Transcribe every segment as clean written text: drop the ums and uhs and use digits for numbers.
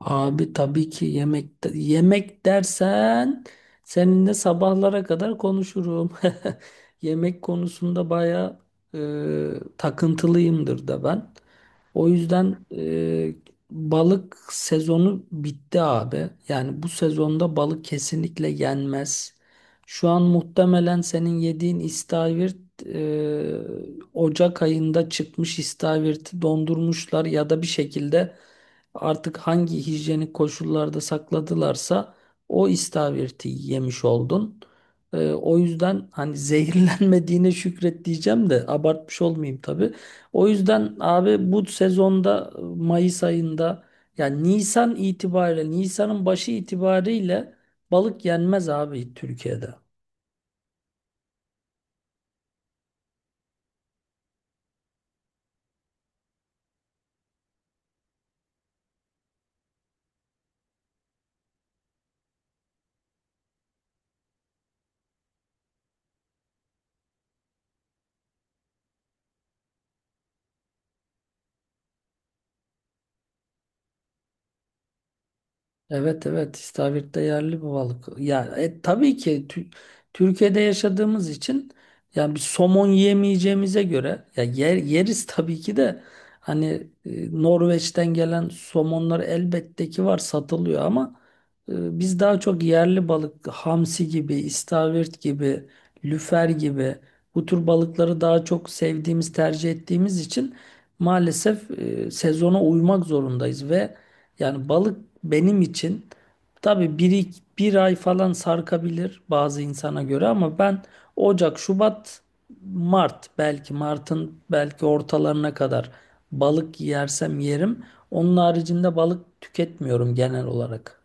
Abi tabii ki yemek dersen seninle sabahlara kadar konuşurum. Yemek konusunda baya e, takıntılıyımdır da ben. O yüzden balık sezonu bitti abi. Yani bu sezonda balık kesinlikle yenmez. Şu an muhtemelen senin yediğin istavrit e, Ocak ayında çıkmış istavriti dondurmuşlar ya da bir şekilde artık hangi hijyenik koşullarda sakladılarsa o istavriti yemiş oldun. O yüzden hani zehirlenmediğine şükret diyeceğim de abartmış olmayayım tabii. O yüzden abi bu sezonda Mayıs ayında yani Nisan itibariyle Nisan'ın başı itibariyle balık yenmez abi Türkiye'de. Evet evet istavrit'te yerli bu balık. Ya tabii ki Türkiye'de yaşadığımız için yani bir somon yiyemeyeceğimize göre ya yeriz tabii ki de hani Norveç'ten gelen somonlar elbette ki var satılıyor ama biz daha çok yerli balık hamsi gibi, istavrit gibi, lüfer gibi bu tür balıkları daha çok sevdiğimiz, tercih ettiğimiz için maalesef sezona uymak zorundayız ve yani balık benim için tabii bir ay falan sarkabilir bazı insana göre ama ben Ocak, Şubat, Mart belki Mart'ın belki ortalarına kadar balık yersem yerim. Onun haricinde balık tüketmiyorum genel olarak.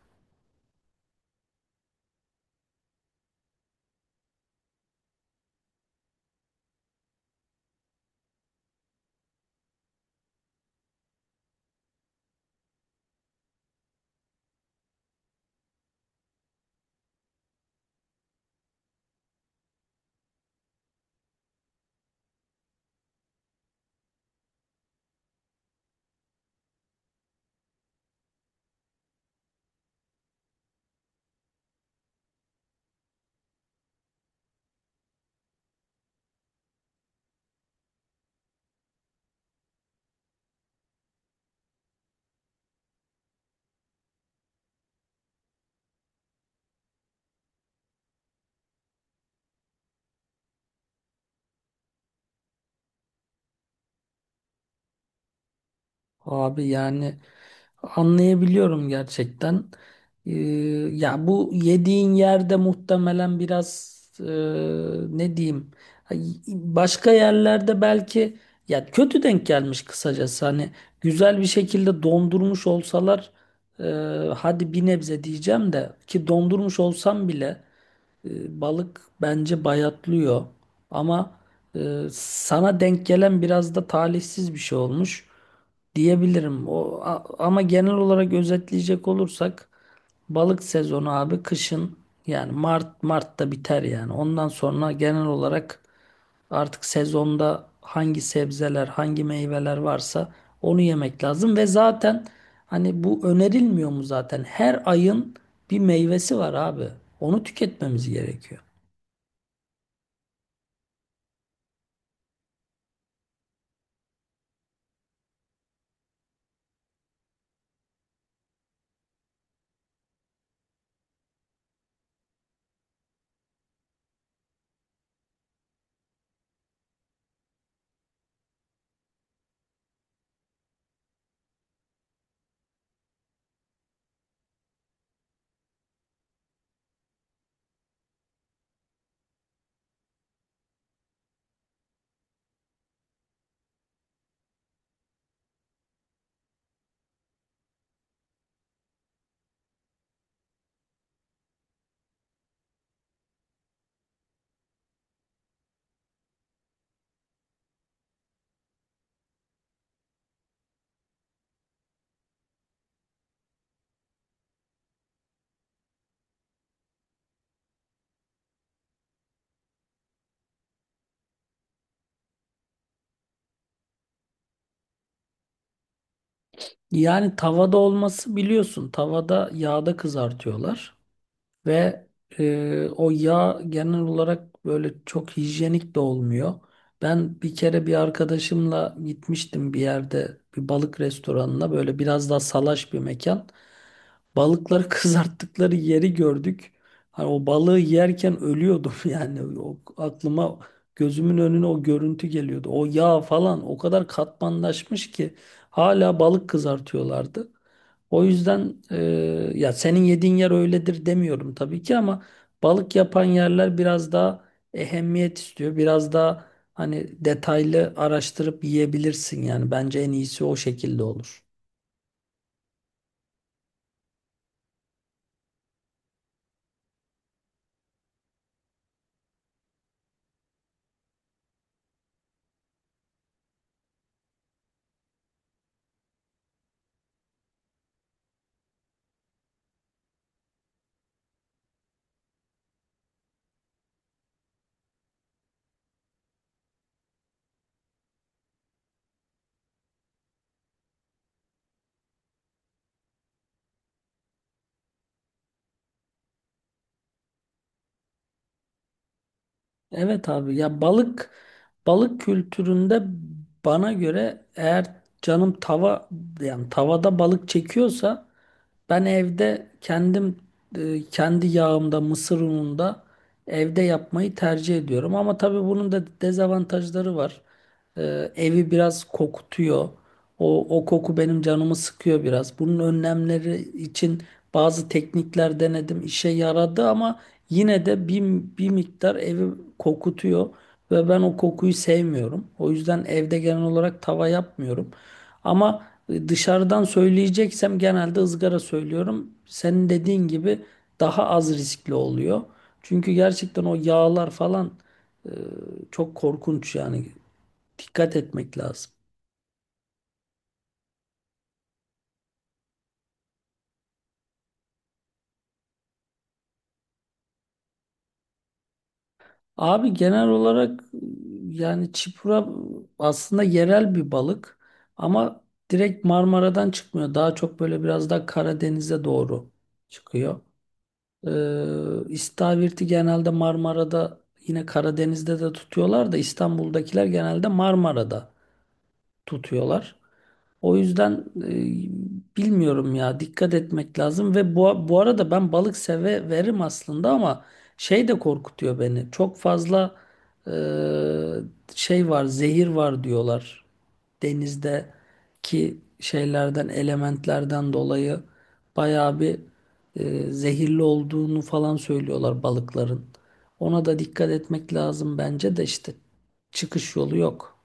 Abi yani anlayabiliyorum gerçekten. Ee, Ya bu yediğin yerde muhtemelen biraz ne diyeyim başka yerlerde belki ya kötü denk gelmiş kısacası hani güzel bir şekilde dondurmuş olsalar e, hadi bir nebze diyeceğim de ki dondurmuş olsam bile balık bence bayatlıyor ama sana denk gelen biraz da talihsiz bir şey olmuş diyebilirim. Ama genel olarak özetleyecek olursak balık sezonu abi kışın yani Mart'ta biter yani. Ondan sonra genel olarak artık sezonda hangi sebzeler, hangi meyveler varsa onu yemek lazım ve zaten hani bu önerilmiyor mu zaten? Her ayın bir meyvesi var abi. Onu tüketmemiz gerekiyor. Yani tavada olması biliyorsun. Tavada yağda kızartıyorlar. Ve o yağ genel olarak böyle çok hijyenik de olmuyor. Ben bir kere bir arkadaşımla gitmiştim bir yerde bir balık restoranına böyle biraz daha salaş bir mekan. Balıkları kızarttıkları yeri gördük. Hani o balığı yerken ölüyordum yani o aklıma gözümün önüne o görüntü geliyordu. O yağ falan o kadar katmanlaşmış ki hala balık kızartıyorlardı. O yüzden ya senin yediğin yer öyledir demiyorum tabii ki ama balık yapan yerler biraz daha ehemmiyet istiyor. Biraz daha hani detaylı araştırıp yiyebilirsin yani bence en iyisi o şekilde olur. Evet abi ya balık kültüründe bana göre eğer canım tava yani tavada balık çekiyorsa ben evde kendim kendi yağımda, mısır ununda evde yapmayı tercih ediyorum. Ama tabii bunun da dezavantajları var. E, Evi biraz kokutuyor. O koku benim canımı sıkıyor biraz. Bunun önlemleri için bazı teknikler denedim. İşe yaradı ama yine de bir miktar evi kokutuyor. Ve ben o kokuyu sevmiyorum. O yüzden evde genel olarak tava yapmıyorum. Ama... Dışarıdan söyleyeceksem genelde ızgara söylüyorum. Senin dediğin gibi daha az riskli oluyor. Çünkü gerçekten o yağlar falan e, çok korkunç yani. Dikkat etmek lazım. Abi genel olarak yani çipura aslında yerel bir balık ama direkt Marmara'dan çıkmıyor. Daha çok böyle biraz daha Karadeniz'e doğru çıkıyor. Ee, istavirti genelde Marmara'da yine Karadeniz'de de tutuyorlar da İstanbul'dakiler genelde Marmara'da tutuyorlar. O yüzden bilmiyorum ya dikkat etmek lazım ve bu arada ben balık severim aslında ama şey de korkutuyor beni. Çok fazla e, şey var, zehir var diyorlar. Denizdeki şeylerden, elementlerden dolayı bayağı bir zehirli olduğunu falan söylüyorlar balıkların. Ona da dikkat etmek lazım bence de işte çıkış yolu yok.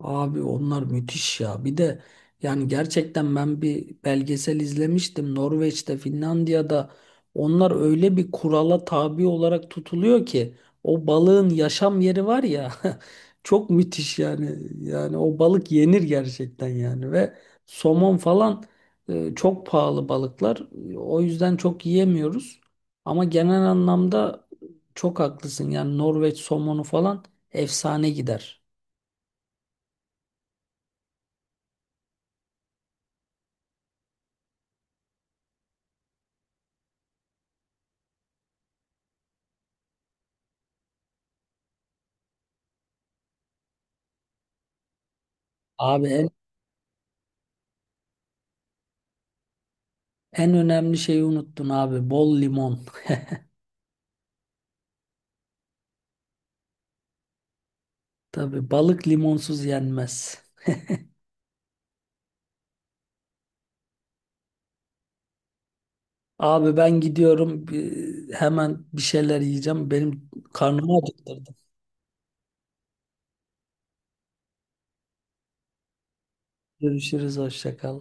Abi onlar müthiş ya. Bir de yani gerçekten ben bir belgesel izlemiştim. Norveç'te, Finlandiya'da onlar öyle bir kurala tabi olarak tutuluyor ki o balığın yaşam yeri var ya çok müthiş yani. Yani o balık yenir gerçekten yani ve somon falan çok pahalı balıklar. O yüzden çok yiyemiyoruz. Ama genel anlamda çok haklısın. Yani Norveç somonu falan efsane gider. Abi en En önemli şeyi unuttun abi. Bol limon. Tabii balık limonsuz yenmez. Abi ben gidiyorum. Hemen bir şeyler yiyeceğim. Benim karnımı acıktırdın. Görüşürüz. Hoşça kal.